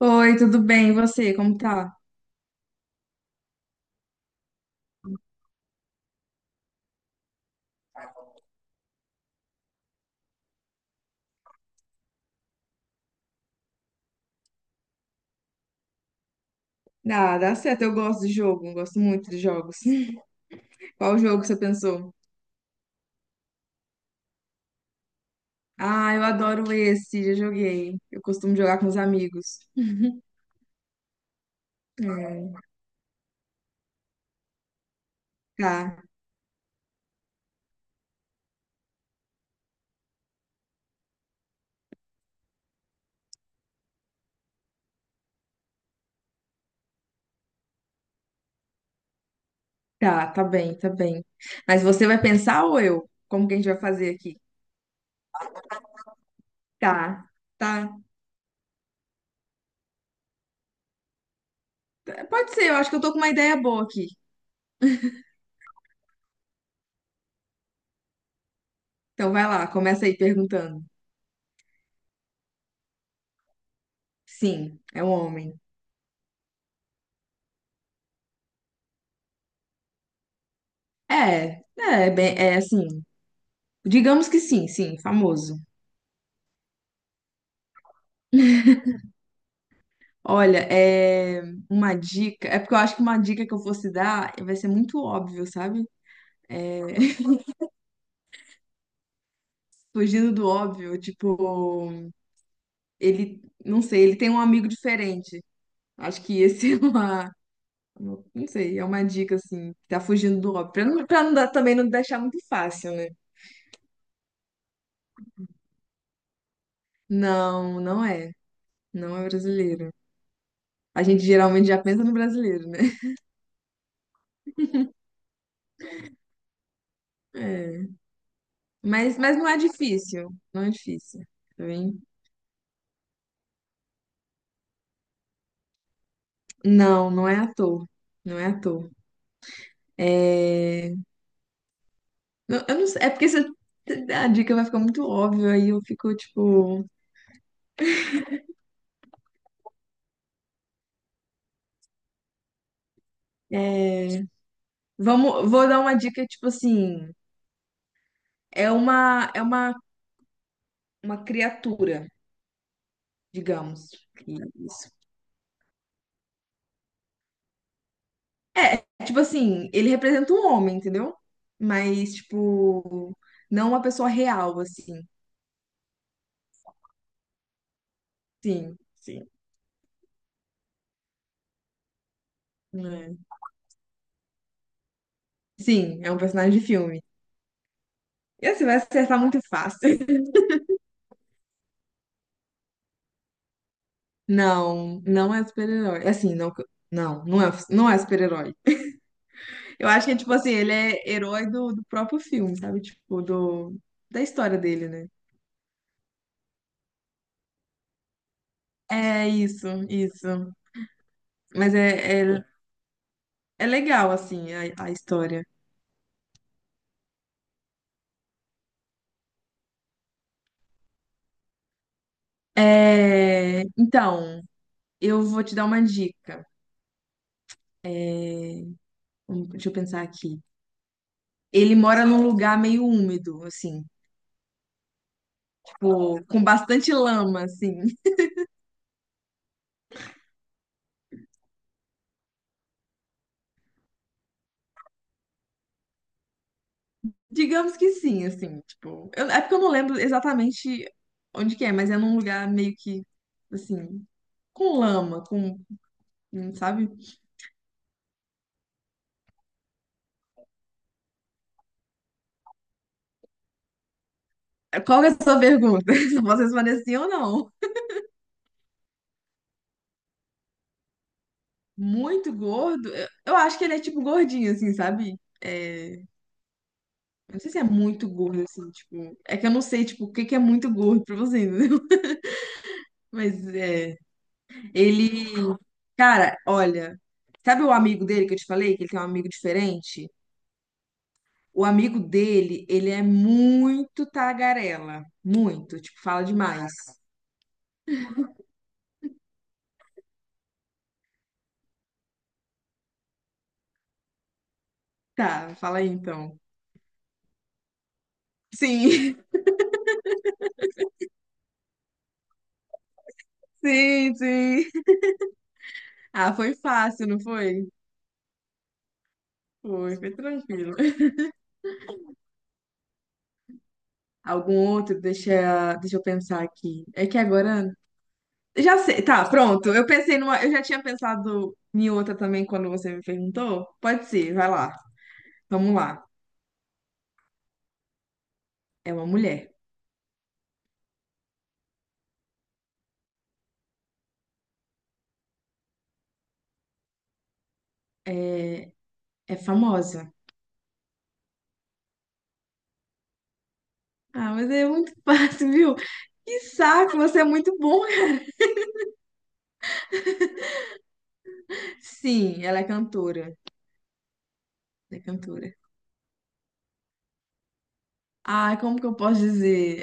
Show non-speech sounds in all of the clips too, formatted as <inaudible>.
Oi, tudo bem? E você, como tá? Ah, dá certo, eu gosto de jogo, gosto muito de jogos. <laughs> Qual jogo você pensou? Ah, eu adoro esse, já joguei. Eu costumo jogar com os amigos. É, <laughs> tá, tá bem, tá bem. Mas você vai pensar ou eu? Como que a gente vai fazer aqui? Tá, tá, tá. Pode ser, eu acho que eu tô com uma ideia boa aqui. Então vai lá, começa aí perguntando. Sim, é um homem. É, é, bem, é assim. Digamos que sim, sim, famoso. Olha, é uma dica. É porque eu acho que uma dica que eu fosse dar vai ser muito óbvio, sabe? É, fugindo do óbvio, tipo, ele, não sei, ele tem um amigo diferente. Acho que esse <laughs> é uma, não sei, é uma dica assim, que tá fugindo do óbvio, pra não dar, também não deixar muito fácil, né? Não, não é, não é brasileiro. A gente geralmente já pensa no brasileiro, né? <laughs> É. Mas não é difícil, não é difícil, tá bem? Não, não é ator, não é ator. É... não- Eu não sei, é porque se eu- a dica vai ficar muito óbvia aí eu fico tipo, é, vamos, vou dar uma dica tipo assim, é uma, uma criatura, digamos. Isso. É, é tipo assim, ele representa um homem, entendeu? Mas tipo, não uma pessoa real assim. Sim, sim. É. Sim, é um personagem de filme. E você vai acertar muito fácil. <laughs> Não, não é super-herói. Assim, não, não, não é, não é super-herói. Eu acho que é tipo assim, ele é herói do próprio filme, sabe? Tipo, do, da história dele, né? É isso, isso. Mas é, é, é legal, assim, a história. É, então, eu vou te dar uma dica. Deixa eu pensar aqui. Ele mora num lugar meio úmido, assim, tipo, com bastante lama, assim. <laughs> Digamos que sim, assim, tipo. Eu- é porque eu não lembro exatamente onde que é, mas é num lugar meio que, assim, com lama, com, sabe? Qual que é a sua pergunta? <laughs> Se eu posso responder sim ou não. Muito gordo? Eu acho que ele é tipo gordinho, assim, sabe? É, eu não sei se é muito gordo, assim, tipo. É que eu não sei, tipo, o que que é muito gordo pra você, entendeu? <laughs> Mas é. Ele. Cara, olha. Sabe o amigo dele que eu te falei, que ele tem um amigo diferente? O amigo dele, ele é muito tagarela. Muito. Tipo, fala demais. Tá, fala aí então. Sim, <laughs> sim, sim. Ah, foi fácil, não foi? Foi, foi tranquilo. Algum outro? Deixa eu pensar aqui. É que agora. Já sei. Tá, pronto. Eu pensei numa. Eu já tinha pensado em outra também quando você me perguntou. Pode ser, vai lá. Vamos lá. É uma mulher. É, é famosa. Ah, mas é muito <laughs> fácil, viu? Que saco, você é muito bom. Sim, ela é cantora. É cantora. Ai, como que eu posso dizer?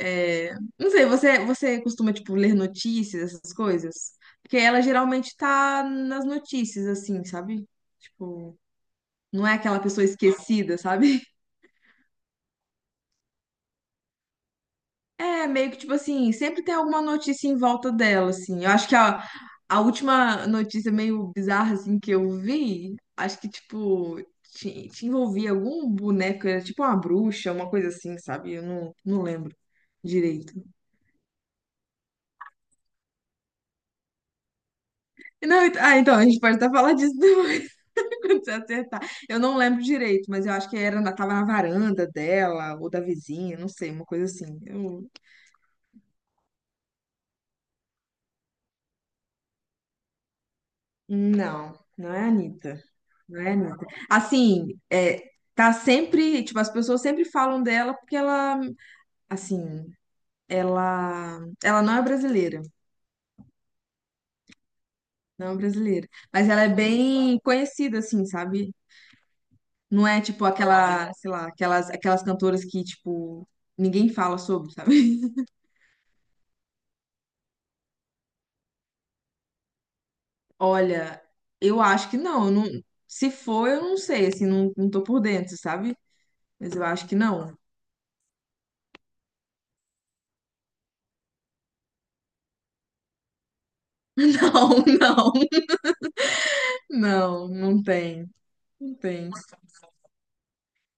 É, não sei, você costuma, tipo, ler notícias, essas coisas? Porque ela geralmente tá nas notícias, assim, sabe? Tipo, não é aquela pessoa esquecida, sabe? <laughs> É, meio que, tipo assim, sempre tem alguma notícia em volta dela, assim. Eu acho que a última notícia meio bizarra, assim, que eu vi, acho que, tipo, te envolvia algum boneco, era tipo uma bruxa, uma coisa assim, sabe? Eu não, não lembro direito. Não, ent- ah, então, a gente pode até falar disso depois, <laughs> quando você acertar. Eu não lembro direito, mas eu acho que era, na- tava na varanda dela, ou da vizinha, não sei, uma coisa assim. Eu- Não, não é a Anitta, não é a Anitta. Assim, é, tá sempre, tipo, as pessoas sempre falam dela porque ela, assim, ela, ela não é brasileira, não é brasileira, mas ela é bem conhecida, assim, sabe? Não é, tipo, aquela, sei lá, aquelas, aquelas cantoras que, tipo, ninguém fala sobre, sabe? Olha, eu acho que não, eu não- se for, eu não sei, assim, não, não tô por dentro, sabe? Mas eu acho que não. <laughs> Não, não, não, não tem, não tem.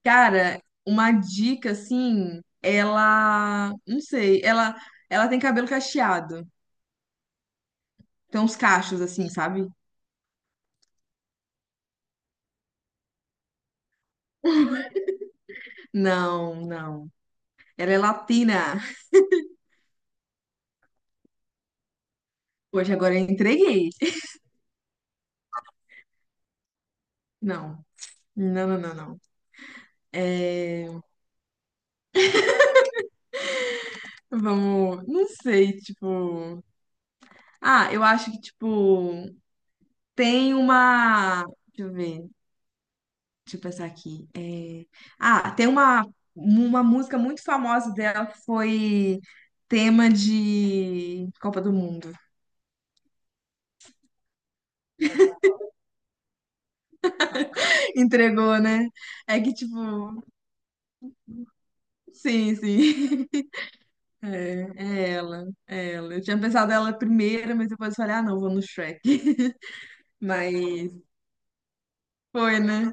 Cara, uma dica assim, ela, não sei, ela tem cabelo cacheado, tem uns cachos assim, sabe? Não, não. Ela é latina. Hoje agora eu entreguei. <laughs> Não, não, não, não, não. É, vamos, não sei, tipo. Ah, eu acho que tipo tem uma. Deixa eu ver, deixa eu pensar aqui. É, ah, tem uma música muito famosa dela que foi tema de Copa do Mundo. <laughs> Entregou, né? É que, tipo, sim, sim. <laughs> É, é ela, é ela. Eu tinha pensado ela primeira, mas depois eu falei, ah, não, vou no Shrek. <laughs> Mas foi, né?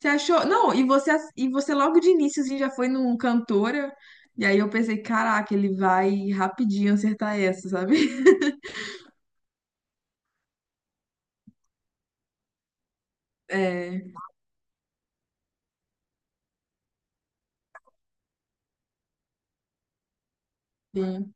Você achou? Não, e você, ass- e você logo de início assim, já foi num cantora. E aí eu pensei, caraca, ele vai rapidinho acertar essa, sabe? <laughs> É, sim.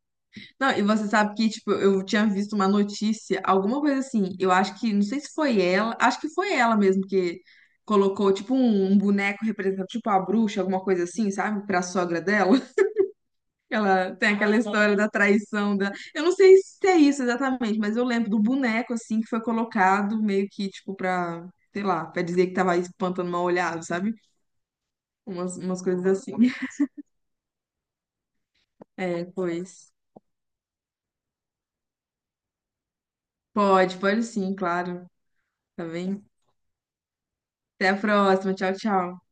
Não, e você sabe que, tipo, eu tinha visto uma notícia, alguma coisa assim. Eu acho que, não sei se foi ela, acho que foi ela mesmo que colocou, tipo, um boneco representando, tipo, a bruxa, alguma coisa assim, sabe? Pra sogra dela. Ela tem aquela história da traição da. Eu não sei se é isso exatamente, mas eu lembro do boneco assim que foi colocado meio que tipo pra, sei lá, pra dizer que tava espantando mal olhado, sabe? Umas, umas coisas assim. <laughs> É, pois. Pode, pode sim, claro. Tá bem? Até a próxima. Tchau, tchau.